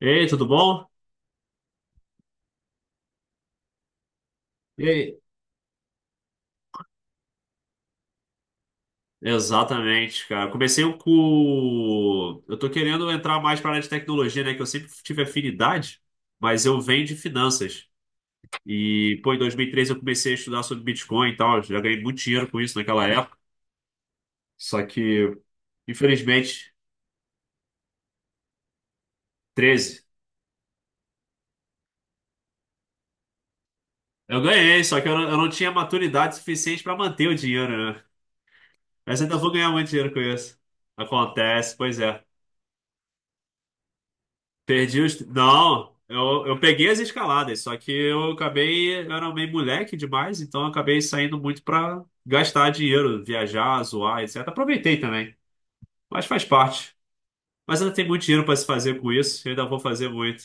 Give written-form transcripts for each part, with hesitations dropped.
Ei, tudo bom? E aí? Exatamente, cara. Comecei um com. Eu tô querendo entrar mais para área de tecnologia, né? Que eu sempre tive afinidade, mas eu venho de finanças. E, pô, em 2013 eu comecei a estudar sobre Bitcoin e tal. Já ganhei muito dinheiro com isso naquela época. Só que, infelizmente, 13. Eu ganhei, só que eu não tinha maturidade suficiente para manter o dinheiro, né? Mas ainda vou ganhar muito dinheiro com isso. Acontece, pois é. Perdi os. Não, eu peguei as escaladas, só que eu acabei. Eu era meio moleque demais, então eu acabei saindo muito pra gastar dinheiro, viajar, zoar, etc. Aproveitei também, mas faz parte. Mas ainda tem muito dinheiro pra se fazer com isso, eu ainda vou fazer muito.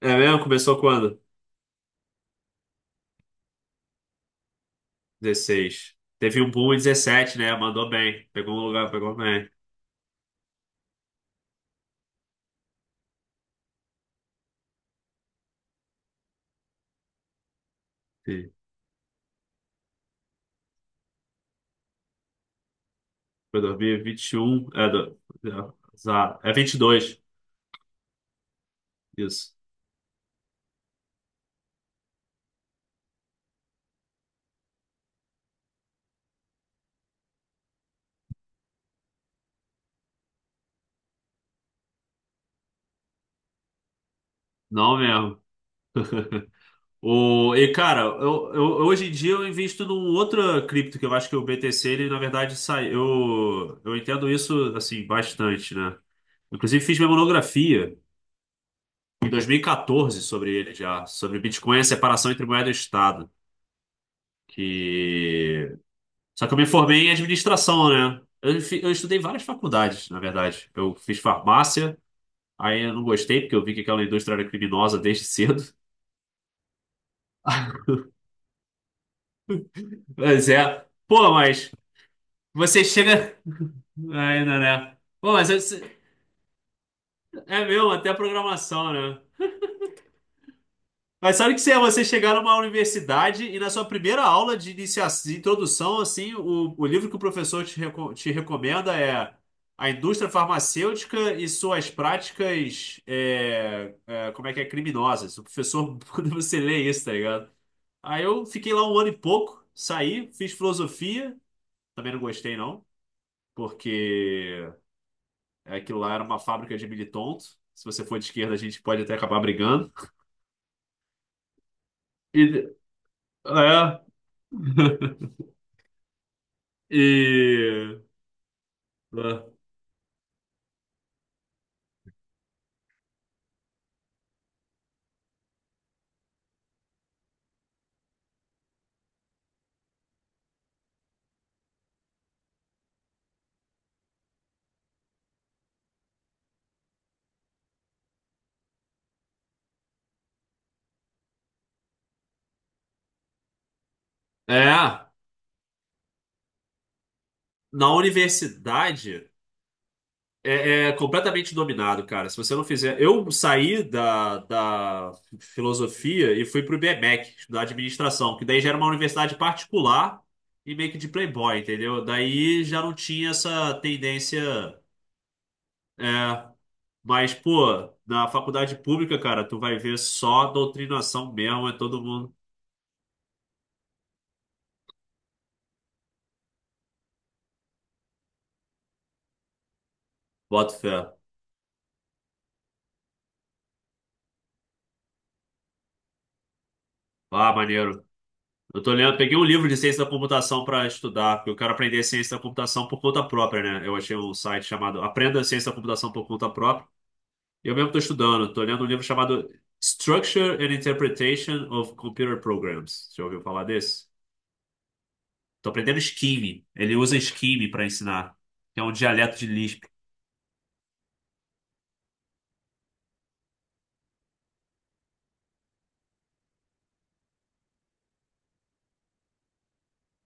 É mesmo? Começou quando? Dezesseis. Teve um boom em 17, né? Mandou bem. Pegou um lugar, pegou bem. Sim. Foi dois mil e vinte e um. É, do... É, exato. É vinte e dois. Isso. Não mesmo. O, e cara, hoje em dia eu invisto num outra cripto que eu acho que o BTC, ele na verdade sai. Eu entendo isso assim bastante, né? Inclusive fiz minha monografia em 2014 sobre ele já, sobre Bitcoin e a separação entre moeda e Estado. Que... Só que eu me formei em administração, né? Eu estudei várias faculdades, na verdade. Eu fiz farmácia, aí eu não gostei porque eu vi que aquela indústria era criminosa desde cedo. Mas é, pô, mas você chega. Ainda, né? Bom, mas é, é mesmo, até a programação, né? Mas sabe o que se é você chegar numa universidade e na sua primeira aula de iniciação, de introdução, assim, o livro que o professor te, reco- te recomenda é A Indústria Farmacêutica e Suas Práticas, como é que é, criminosas. O professor, quando você lê isso, tá ligado? Aí eu fiquei lá um ano e pouco, saí, fiz filosofia, também não gostei, não, porque aquilo lá era uma fábrica de militontos. Se você for de esquerda, a gente pode até acabar brigando. E, é, e, é, É, na universidade é completamente dominado, cara. Se você não fizer. Eu saí da filosofia e fui pro IBMEC, estudar administração, que daí já era uma universidade particular e meio que de playboy, entendeu? Daí já não tinha essa tendência. É, mas, pô, na faculdade pública, cara, tu vai ver só doutrinação mesmo, é todo mundo. Bota fé. Ah, maneiro. Eu tô lendo, peguei um livro de ciência da computação pra estudar, porque eu quero aprender ciência da computação por conta própria, né? Eu achei um site chamado Aprenda Ciência da Computação por Conta Própria. E eu mesmo tô estudando, tô lendo um livro chamado Structure and Interpretation of Computer Programs. Já ouviu falar desse? Tô aprendendo Scheme. Ele usa Scheme pra ensinar, que é um dialeto de Lisp.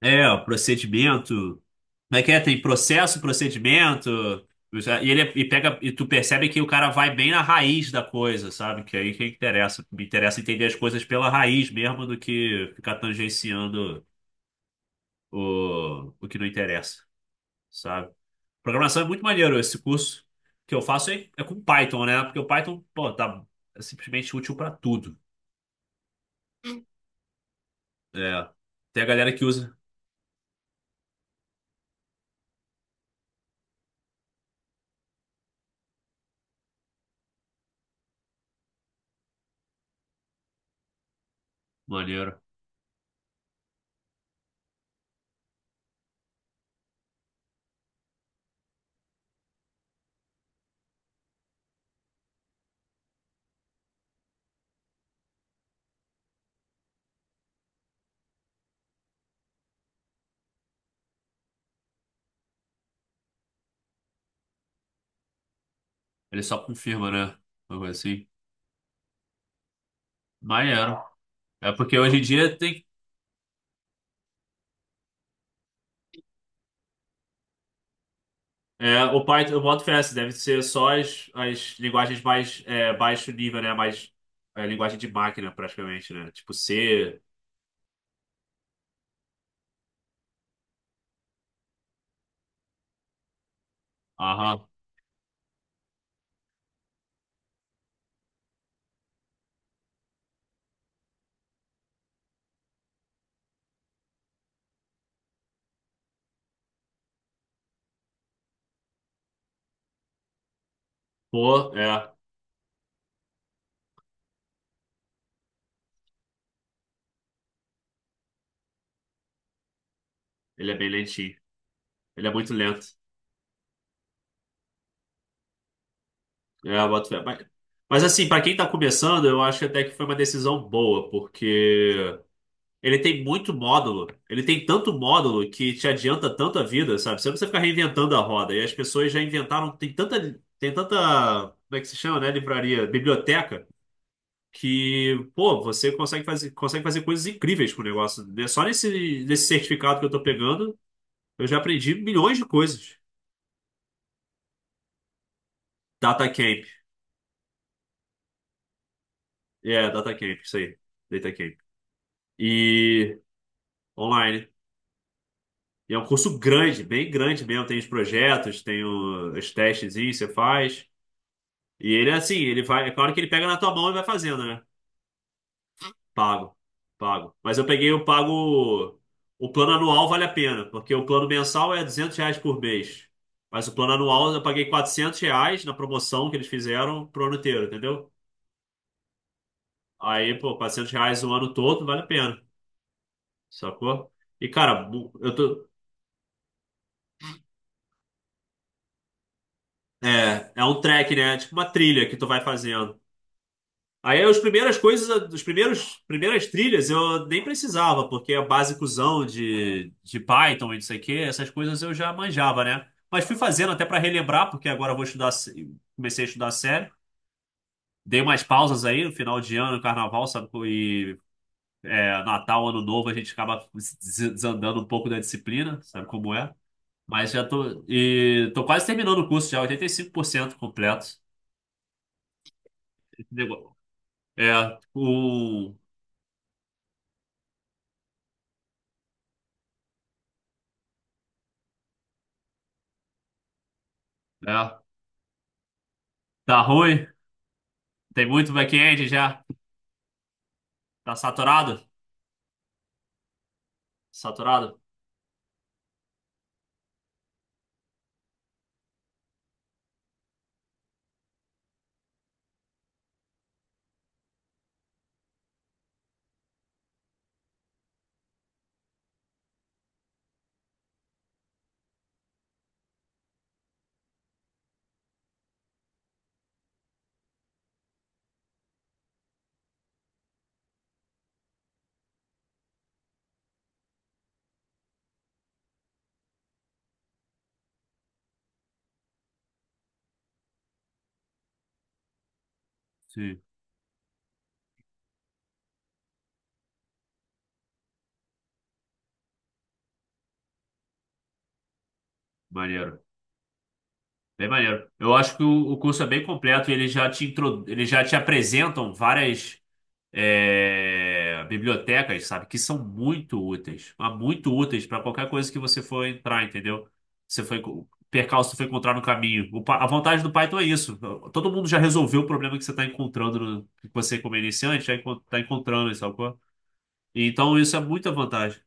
É, o procedimento. Como é que é? Tem processo, procedimento. E tu percebe que o cara vai bem na raiz da coisa, sabe? Que aí que interessa. Me interessa entender as coisas pela raiz mesmo do que ficar tangenciando o que não interessa, sabe? Programação é muito maneiro. Esse curso que eu faço é com Python, né? Porque o Python, pô, tá é simplesmente útil pra tudo. É. Tem a galera que usa. Maneiro. Ele só confirma, né? Uma coisa assim. Maneiro. É porque hoje em dia tem. É, o Python, eu boto fé, assim, deve ser só as linguagens mais baixo nível, né? Mais linguagem de máquina, praticamente, né? Tipo C, aham, pô, é. Ele é bem lentinho. Ele é muito lento. É, eu boto fé. Mas assim, pra quem tá começando, eu acho até que foi uma decisão boa, porque ele tem muito módulo. Ele tem tanto módulo que te adianta tanto a vida, sabe? Você não precisa ficar reinventando a roda. E as pessoas já inventaram. Tem tanta. Tem tanta. Como é que se chama, né? Livraria, biblioteca. Que, pô, você consegue fazer coisas incríveis com o negócio, né? Só nesse certificado que eu tô pegando, eu já aprendi milhões de coisas. DataCamp, é, DataCamp, isso aí. DataCamp. E online. E é um curso grande, bem grande mesmo. Tem os projetos, tem os testes, você faz. E ele é assim, ele vai. É claro que ele pega na tua mão e vai fazendo, né? Pago, pago. Mas eu peguei o pago. O plano anual vale a pena, porque o plano mensal é 200 reais por mês. Mas o plano anual eu paguei 400 reais na promoção que eles fizeram pro ano inteiro, entendeu? Aí, pô, 400 reais o ano todo vale a pena, sacou? E, cara, bu- eu tô. É, é um trek, né? É tipo uma trilha que tu vai fazendo. Aí as primeiras coisas, primeiras trilhas eu nem precisava, porque é basicozão de Python e não sei o quê, essas coisas eu já manjava, né? Mas fui fazendo até para relembrar, porque agora eu vou estudar, comecei a estudar sério. Dei umas pausas aí no final de ano, carnaval, sabe? Natal, Ano Novo, a gente acaba desandando um pouco da disciplina, sabe como é? Mas já tô. E tô quase terminando o curso já, 85% completo. Esse negócio- É, o. É, tá ruim. Tem muito back-end já? Tá saturado? Saturado? Sim. Maneiro. Bem maneiro. Eu acho que o curso é bem completo e eles já eles já te apresentam várias bibliotecas, sabe? Que são muito úteis. Mas muito úteis para qualquer coisa que você for entrar, entendeu? Você foi, percalço que foi encontrar no caminho. A vantagem do Python é isso. Todo mundo já resolveu o problema que você está encontrando, que você, como iniciante, já está encontrando, sabe? Qual? Então, isso é muita vantagem.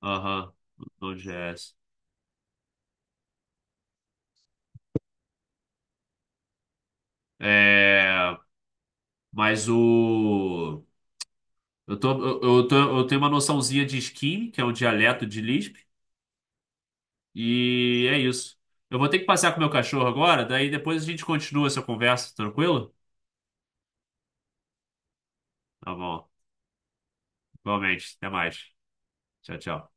Aham, Node.js. É, mas o. Eu tenho uma noçãozinha de Scheme, que é um dialeto de Lisp, e é isso. Eu vou ter que passear com meu cachorro agora, daí depois a gente continua essa conversa, tranquilo? Tá bom, igualmente. Até mais. Tchau, tchau.